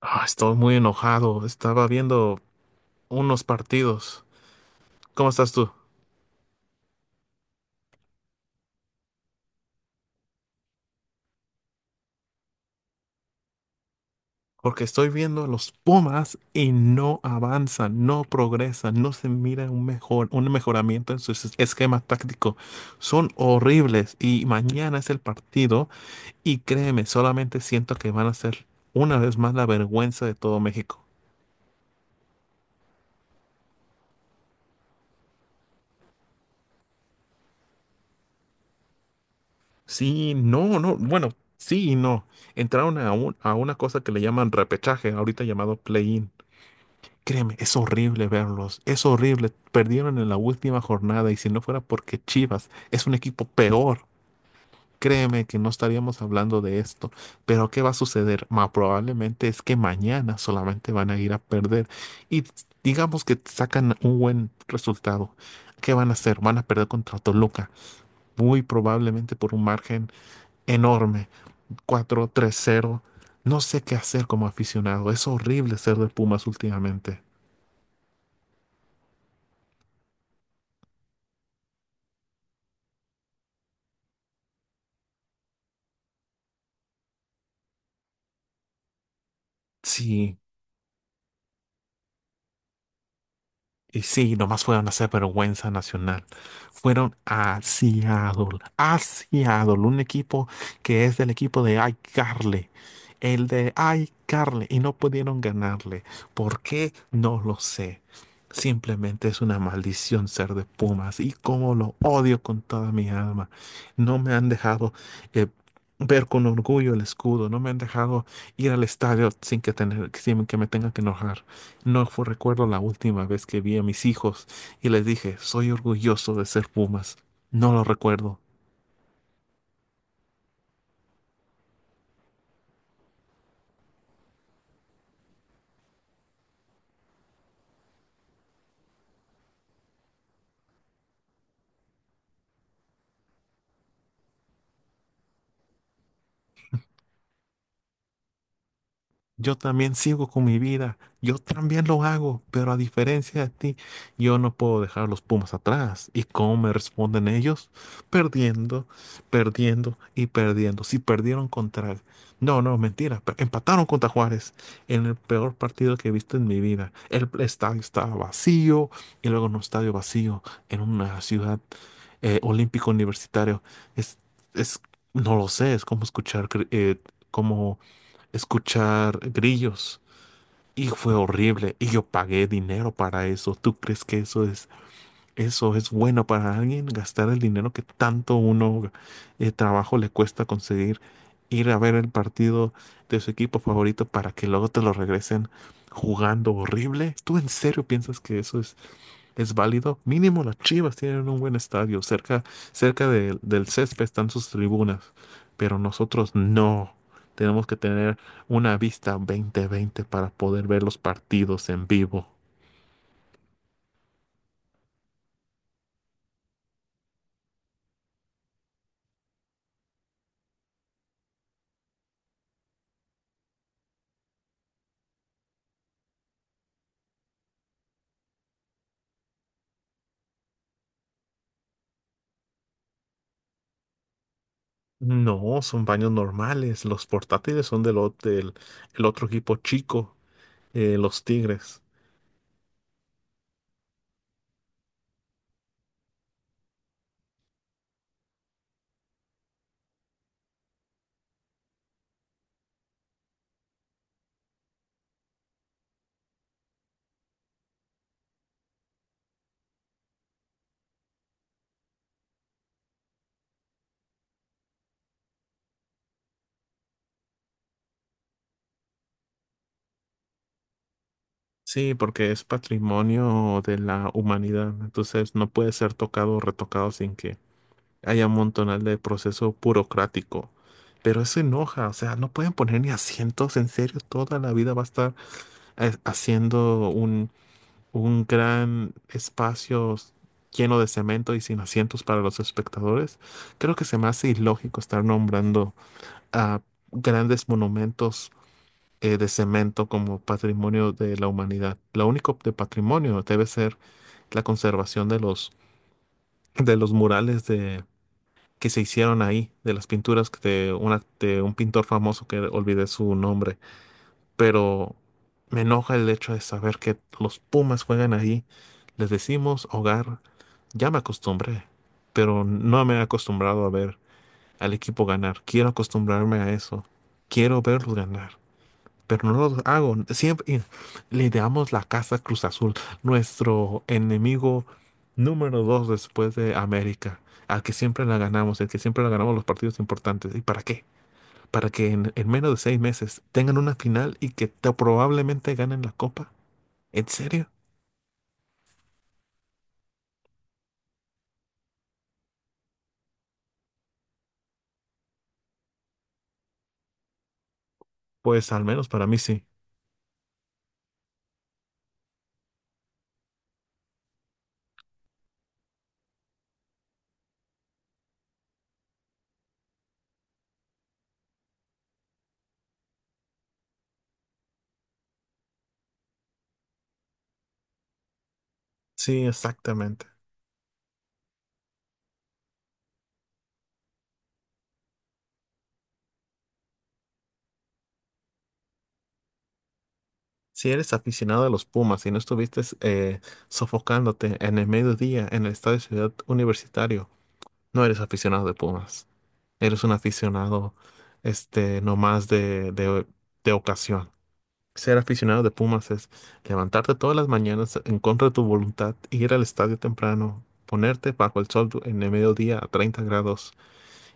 Ah, estoy muy enojado. Estaba viendo unos partidos. ¿Cómo estás tú? Porque estoy viendo a los Pumas y no avanzan, no progresan, no se mira un mejor, un mejoramiento en esquema táctico. Son horribles y mañana es el partido y créeme, solamente siento que van a ser una vez más la vergüenza de todo México. Sí, no, no, bueno, sí y no. A una cosa que le llaman repechaje, ahorita llamado play-in. Créeme, es horrible verlos, es horrible. Perdieron en la última jornada y si no fuera porque Chivas es un equipo peor, créeme que no estaríamos hablando de esto. Pero ¿qué va a suceder? Probablemente es que mañana solamente van a ir a perder y digamos que sacan un buen resultado. ¿Qué van a hacer? Van a perder contra Toluca, muy probablemente por un margen enorme, 4-3-0. No sé qué hacer como aficionado, es horrible ser de Pumas últimamente. Sí. Y sí, nomás fueron a hacer vergüenza nacional. Fueron a Seattle, un equipo que es del equipo de iCarly. El de iCarly y no pudieron ganarle. ¿Por qué? No lo sé. Simplemente es una maldición ser de Pumas y cómo lo odio con toda mi alma. No me han dejado eh, ver con orgullo el escudo, no me han dejado ir al estadio sin que, tener, sin que me tengan que enojar. No fue, recuerdo la última vez que vi a mis hijos y les dije, soy orgulloso de ser Pumas. No lo recuerdo. Yo también sigo con mi vida, yo también lo hago, pero a diferencia de ti, yo no puedo dejar los Pumas atrás. ¿Y cómo me responden ellos? Perdiendo, perdiendo y perdiendo. No, no, mentira, empataron contra Juárez en el peor partido que he visto en mi vida. El estadio estaba vacío y luego en un estadio vacío en una ciudad olímpico universitario. Es, es, no lo sé, es como escuchar, como escuchar grillos. Y fue horrible. Y yo pagué dinero para eso. ¿Tú crees que eso es bueno para alguien? Gastar el dinero que tanto uno trabajo le cuesta conseguir. Ir a ver el partido de su equipo favorito para que luego te lo regresen jugando horrible. ¿Tú en serio piensas que eso es válido? Mínimo las Chivas tienen un buen estadio. Cerca, cerca del césped están sus tribunas. Pero nosotros no. Tenemos que tener una vista 20/20 para poder ver los partidos en vivo. No, son baños normales. Los portátiles son el otro equipo chico, los Tigres. Sí, porque es patrimonio de la humanidad. Entonces no puede ser tocado o retocado sin que haya un montonal de proceso burocrático. Pero eso enoja, o sea, no pueden poner ni asientos, en serio, toda la vida va a estar haciendo un gran espacio lleno de cemento y sin asientos para los espectadores. Creo que se me hace ilógico estar nombrando a grandes monumentos de cemento como patrimonio de la humanidad. Lo único de patrimonio debe ser la conservación de los murales que se hicieron ahí, de las pinturas de un pintor famoso que olvidé su nombre, pero me enoja el hecho de saber que los Pumas juegan ahí. Les decimos hogar, ya me acostumbré, pero no me he acostumbrado a ver al equipo ganar. Quiero acostumbrarme a eso. Quiero verlos ganar, pero no lo hago. Siempre le damos la casa a Cruz Azul, nuestro enemigo número 2 después de América, al que siempre la ganamos, el que siempre la ganamos los partidos importantes. ¿Y para qué? Para que en menos de 6 meses tengan una final y que probablemente ganen la copa. ¿En serio? Pues al menos para mí sí. Sí, exactamente. Si eres aficionado a los Pumas y no estuviste sofocándote en el mediodía en el estadio Ciudad Universitario, no eres aficionado de Pumas. Eres un aficionado, nomás de ocasión. Ser aficionado de Pumas es levantarte todas las mañanas en contra de tu voluntad, ir al estadio temprano, ponerte bajo el sol en el mediodía a 30 grados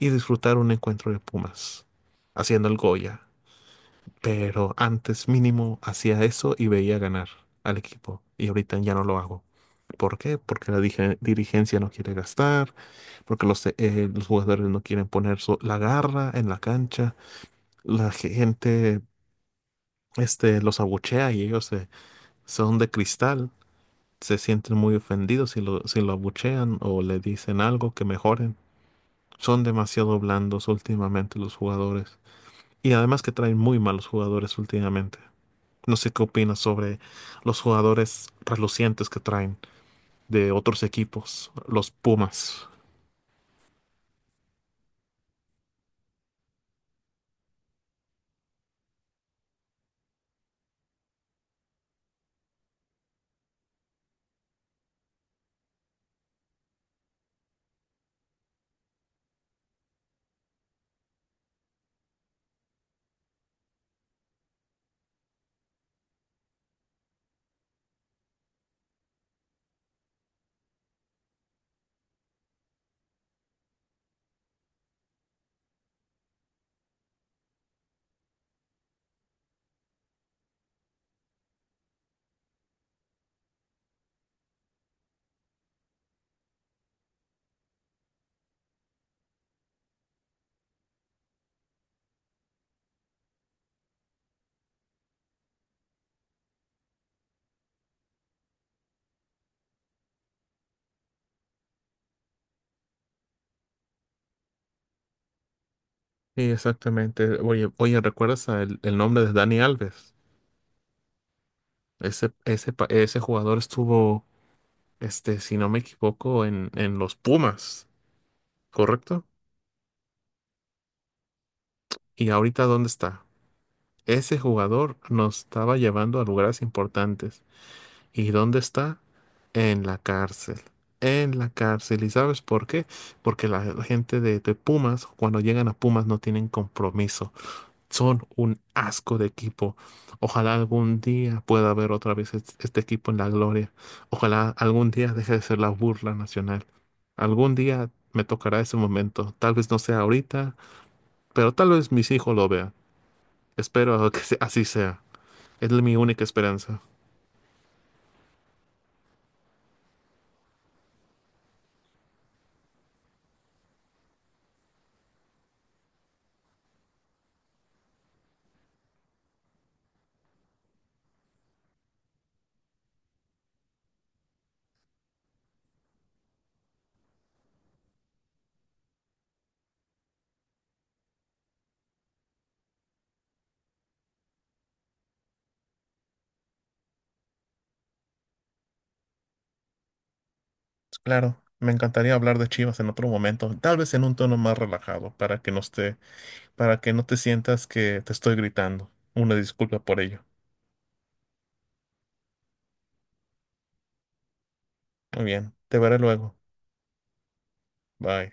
y disfrutar un encuentro de Pumas, haciendo el Goya. Pero antes mínimo hacía eso y veía ganar al equipo y ahorita ya no lo hago. ¿Por qué? Porque la dirigencia no quiere gastar, porque los jugadores no quieren poner la garra en la cancha, la gente los abuchea y ellos se son de cristal, se sienten muy ofendidos si lo abuchean o le dicen algo que mejoren. Son demasiado blandos últimamente los jugadores. Y además que traen muy malos jugadores últimamente. No sé qué opinas sobre los jugadores relucientes que traen de otros equipos, los Pumas. Sí, exactamente. Oye, ¿recuerdas el nombre de Dani Alves? Ese jugador estuvo, si no me equivoco, en los Pumas, ¿correcto? ¿Y ahorita dónde está? Ese jugador nos estaba llevando a lugares importantes. ¿Y dónde está? En la cárcel. En la cárcel. ¿Y sabes por qué? Porque la gente de Pumas, cuando llegan a Pumas, no tienen compromiso. Son un asco de equipo. Ojalá algún día pueda haber otra vez este equipo en la gloria. Ojalá algún día deje de ser la burla nacional. Algún día me tocará ese momento. Tal vez no sea ahorita, pero tal vez mis hijos lo vean. Espero que así sea. Es mi única esperanza. Claro, me encantaría hablar de Chivas en otro momento, tal vez en un tono más relajado, para que no esté, para que no te sientas que te estoy gritando. Una disculpa por ello. Muy bien, te veré luego. Bye.